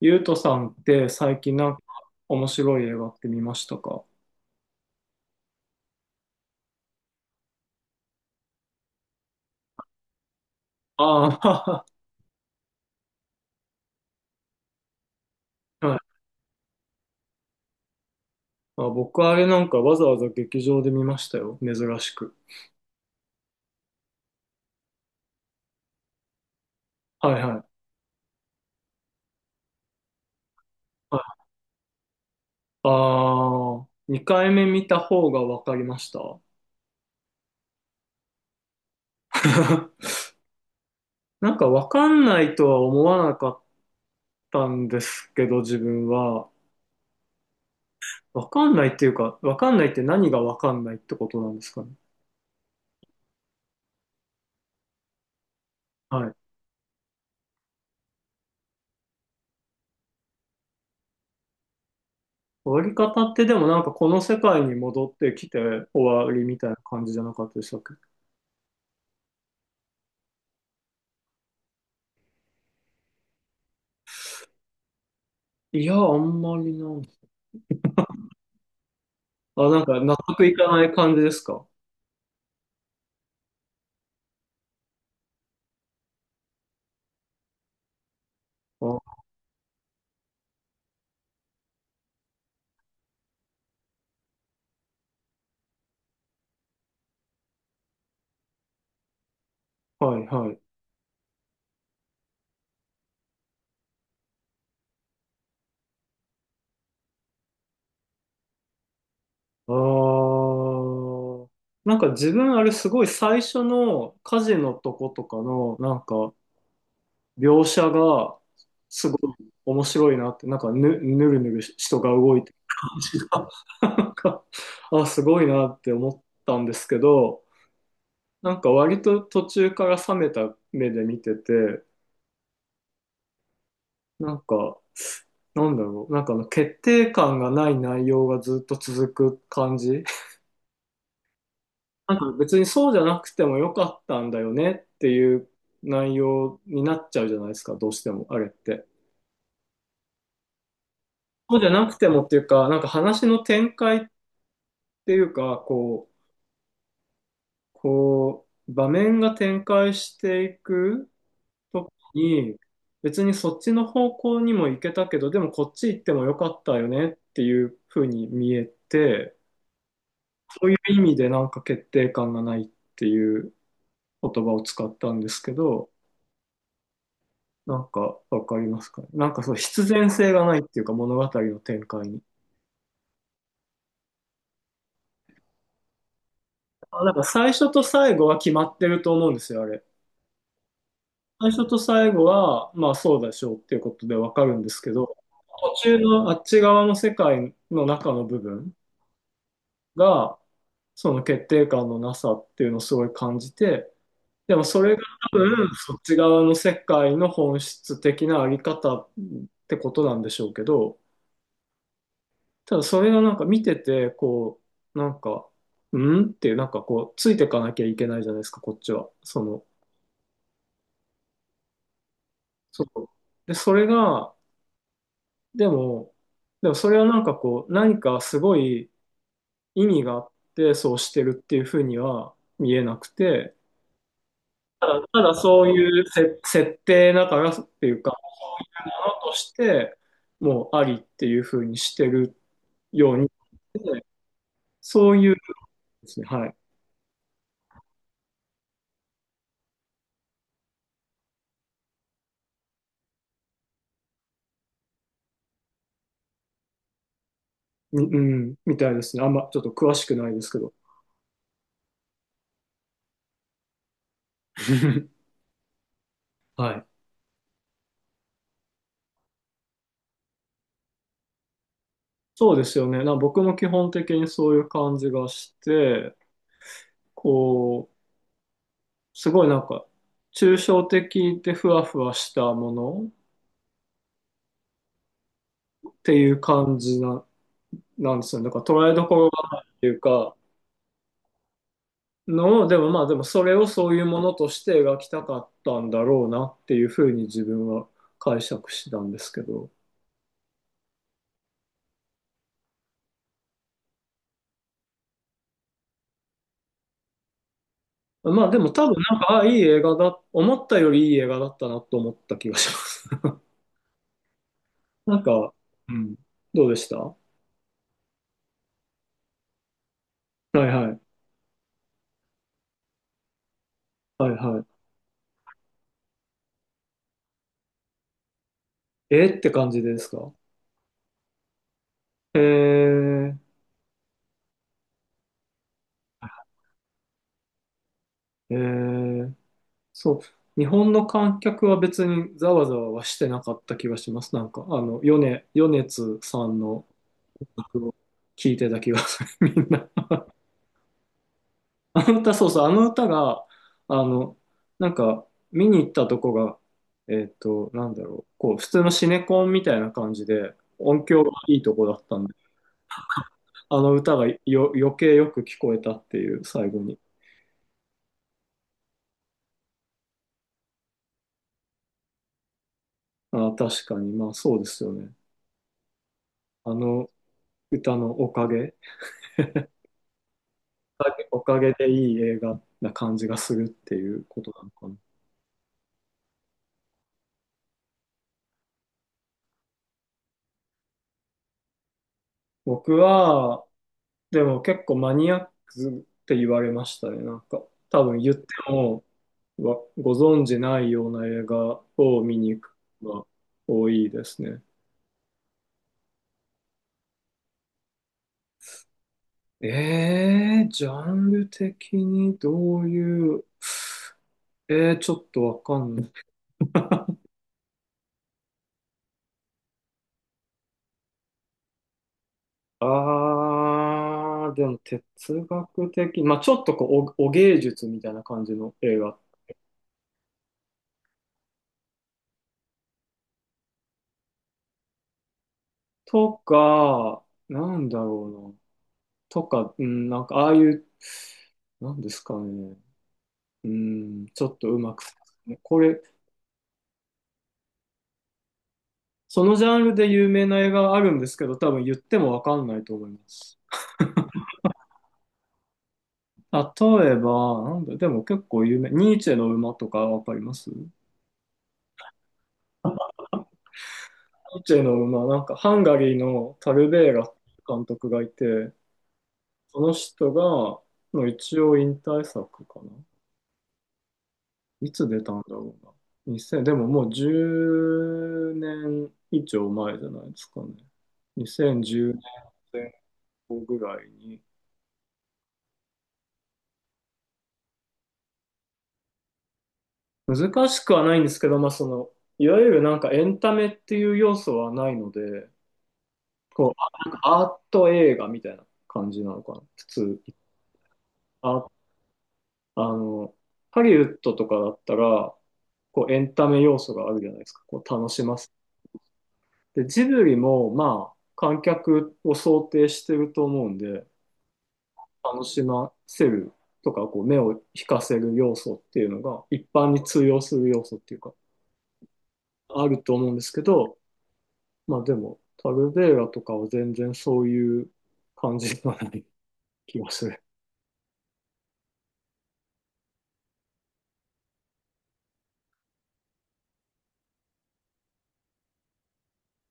ゆうとさんって最近なんか面白い映画って見ましたか？ああ、はい。あ、僕あれなんかわざわざ劇場で見ましたよ。珍しく。はいはい。はい、ああ、2回目見た方がわかりました。なんかわかんないとは思わなかったんですけど、自分は。わかんないっていうか、わかんないって何がわかんないってことなんですかね。はい。終わり方ってでもなんかこの世界に戻ってきて終わりみたいな感じじゃなかったでしたっけ？いや、あんまりなん。あ、なんか納得いかない感じですか？あ、はい、はい。あー。なんか自分あれすごい最初の火事のとことかのなんか描写がすごい面白いなって、なんかぬるぬるし人が動いてる感じが、なんか、あ、すごいなって思ったんですけど、なんか割と途中から冷めた目で見てて、なんか、なんだろう、なんかあの決定感がない内容がずっと続く感じ。なんか別にそうじゃなくてもよかったんだよねっていう内容になっちゃうじゃないですか、どうしても、あれって。そうじゃなくてもっていうか、なんか話の展開っていうか、こう、場面が展開していくときに、別にそっちの方向にも行けたけど、でもこっち行ってもよかったよねっていうふうに見えて、そういう意味でなんか決定感がないっていう言葉を使ったんですけど、なんかわかりますかね。なんかそう必然性がないっていうか物語の展開に。あ、なんか最初と最後は決まってると思うんですよ、あれ。最初と最後は、まあそうでしょうっていうことでわかるんですけど、途中のあっち側の世界の中の部分が、その決定感のなさっていうのをすごい感じて、でもそれが多分そっち側の世界の本質的なあり方ってことなんでしょうけど、ただそれがなんか見てて、こう、なんか、うんっていう、なんかこう、ついてかなきゃいけないじゃないですか、こっちは。その、そう。で、それが、でも、でもそれはなんかこう、何かすごい意味があって、そうしてるっていうふうには見えなくて、ただそういう設定だからっていうか、のとして、もうありっていうふうにしてるように、でそういうですね、はい。うん、みたいですね。あんまちょっと詳しくないですけど。はい。そうですよね。僕も基本的にそういう感じがして、こう、すごいなんか、抽象的でふわふわしたものっていう感じな、なんですよね。だから捉えどころがないっていうか、のを、でもまあでもそれをそういうものとして描きたかったんだろうなっていうふうに自分は解釈したんですけど。まあでも多分なんか、あ、いい映画だ、思ったよりいい映画だったなと思った気がします。なんか、うん、どうでしたはいはい。はいはい。えーって感じですか？えー、えー、そう。日本の観客は別にざわざわはしてなかった気がします。なんか、あの、米津さんの曲を聴いてた気がする、みんな。あの歌、そうそう、あの歌が、あの、なんか、見に行ったとこが、なんだろう、こう、普通のシネコンみたいな感じで、音響がいいとこだったんで、あの歌が余計よく聞こえたっていう、最後に。あ、確かに、まあそうですよね。あの歌のおかげ、おかげでいい映画な感じがするっていうことなのかな。僕は、でも結構マニアックって言われましたね。なんか、多分言っても、ご存じないような映画を見に行くのが多いですね。えー、ジャンル的にどういう、えー、ちょっとわかんない。あー、でも哲学的、まあちょっとこう、お芸術みたいな感じの映画とか、なんだろうな。とか、うん、なんか、ああいう、なんですかね。うん、ちょっとうまく。これ、そのジャンルで有名な映画があるんですけど、多分言ってもわかんないと思います。例えば、なんだ、でも結構有名。ニーチェの馬とかわかります？ニーチェの馬、なんかハンガリーのタルベーラ監督がいて、その人が、の一応引退作かな。いつ出たんだろうな。2 0でももう10年以上前じゃないですかね。2010年前後ぐらいに。難しくはないんですけど、まあその、いわゆるなんかエンタメっていう要素はないので、こう、あなんかアート映画みたいな感じなのかな。普通、あ、あの、ハリウッドとかだったら、こうエンタメ要素があるじゃないですか。こう楽します。で、ジブリもまあ観客を想定してると思うんで、楽しませるとか、こう目を引かせる要素っていうのが一般に通用する要素っていうか、あると思うんですけど、まあでも、タルベーラとかは全然そういう感じではない気がする。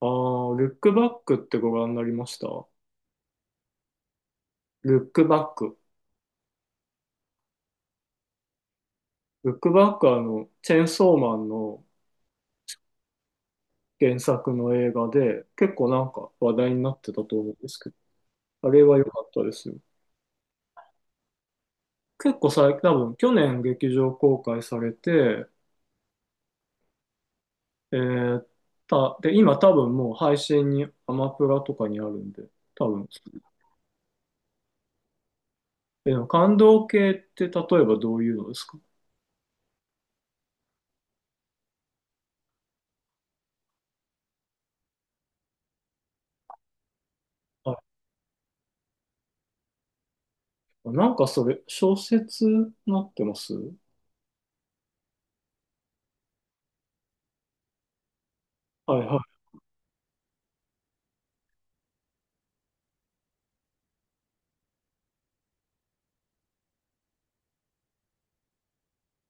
ああ、ルックバックってご覧になりました？ルックバック。ルックバックはあの、チェーンソーマンの原作の映画で、結構なんか話題になってたと思うんですけど、あれは良かったですよ。結構最近、多分去年劇場公開されて、えー、で、今多分もう配信に、アマプラとかにあるんで、多分。えー、でも感動系って例えばどういうのですか？はい。なんかそれ、小説になってますはい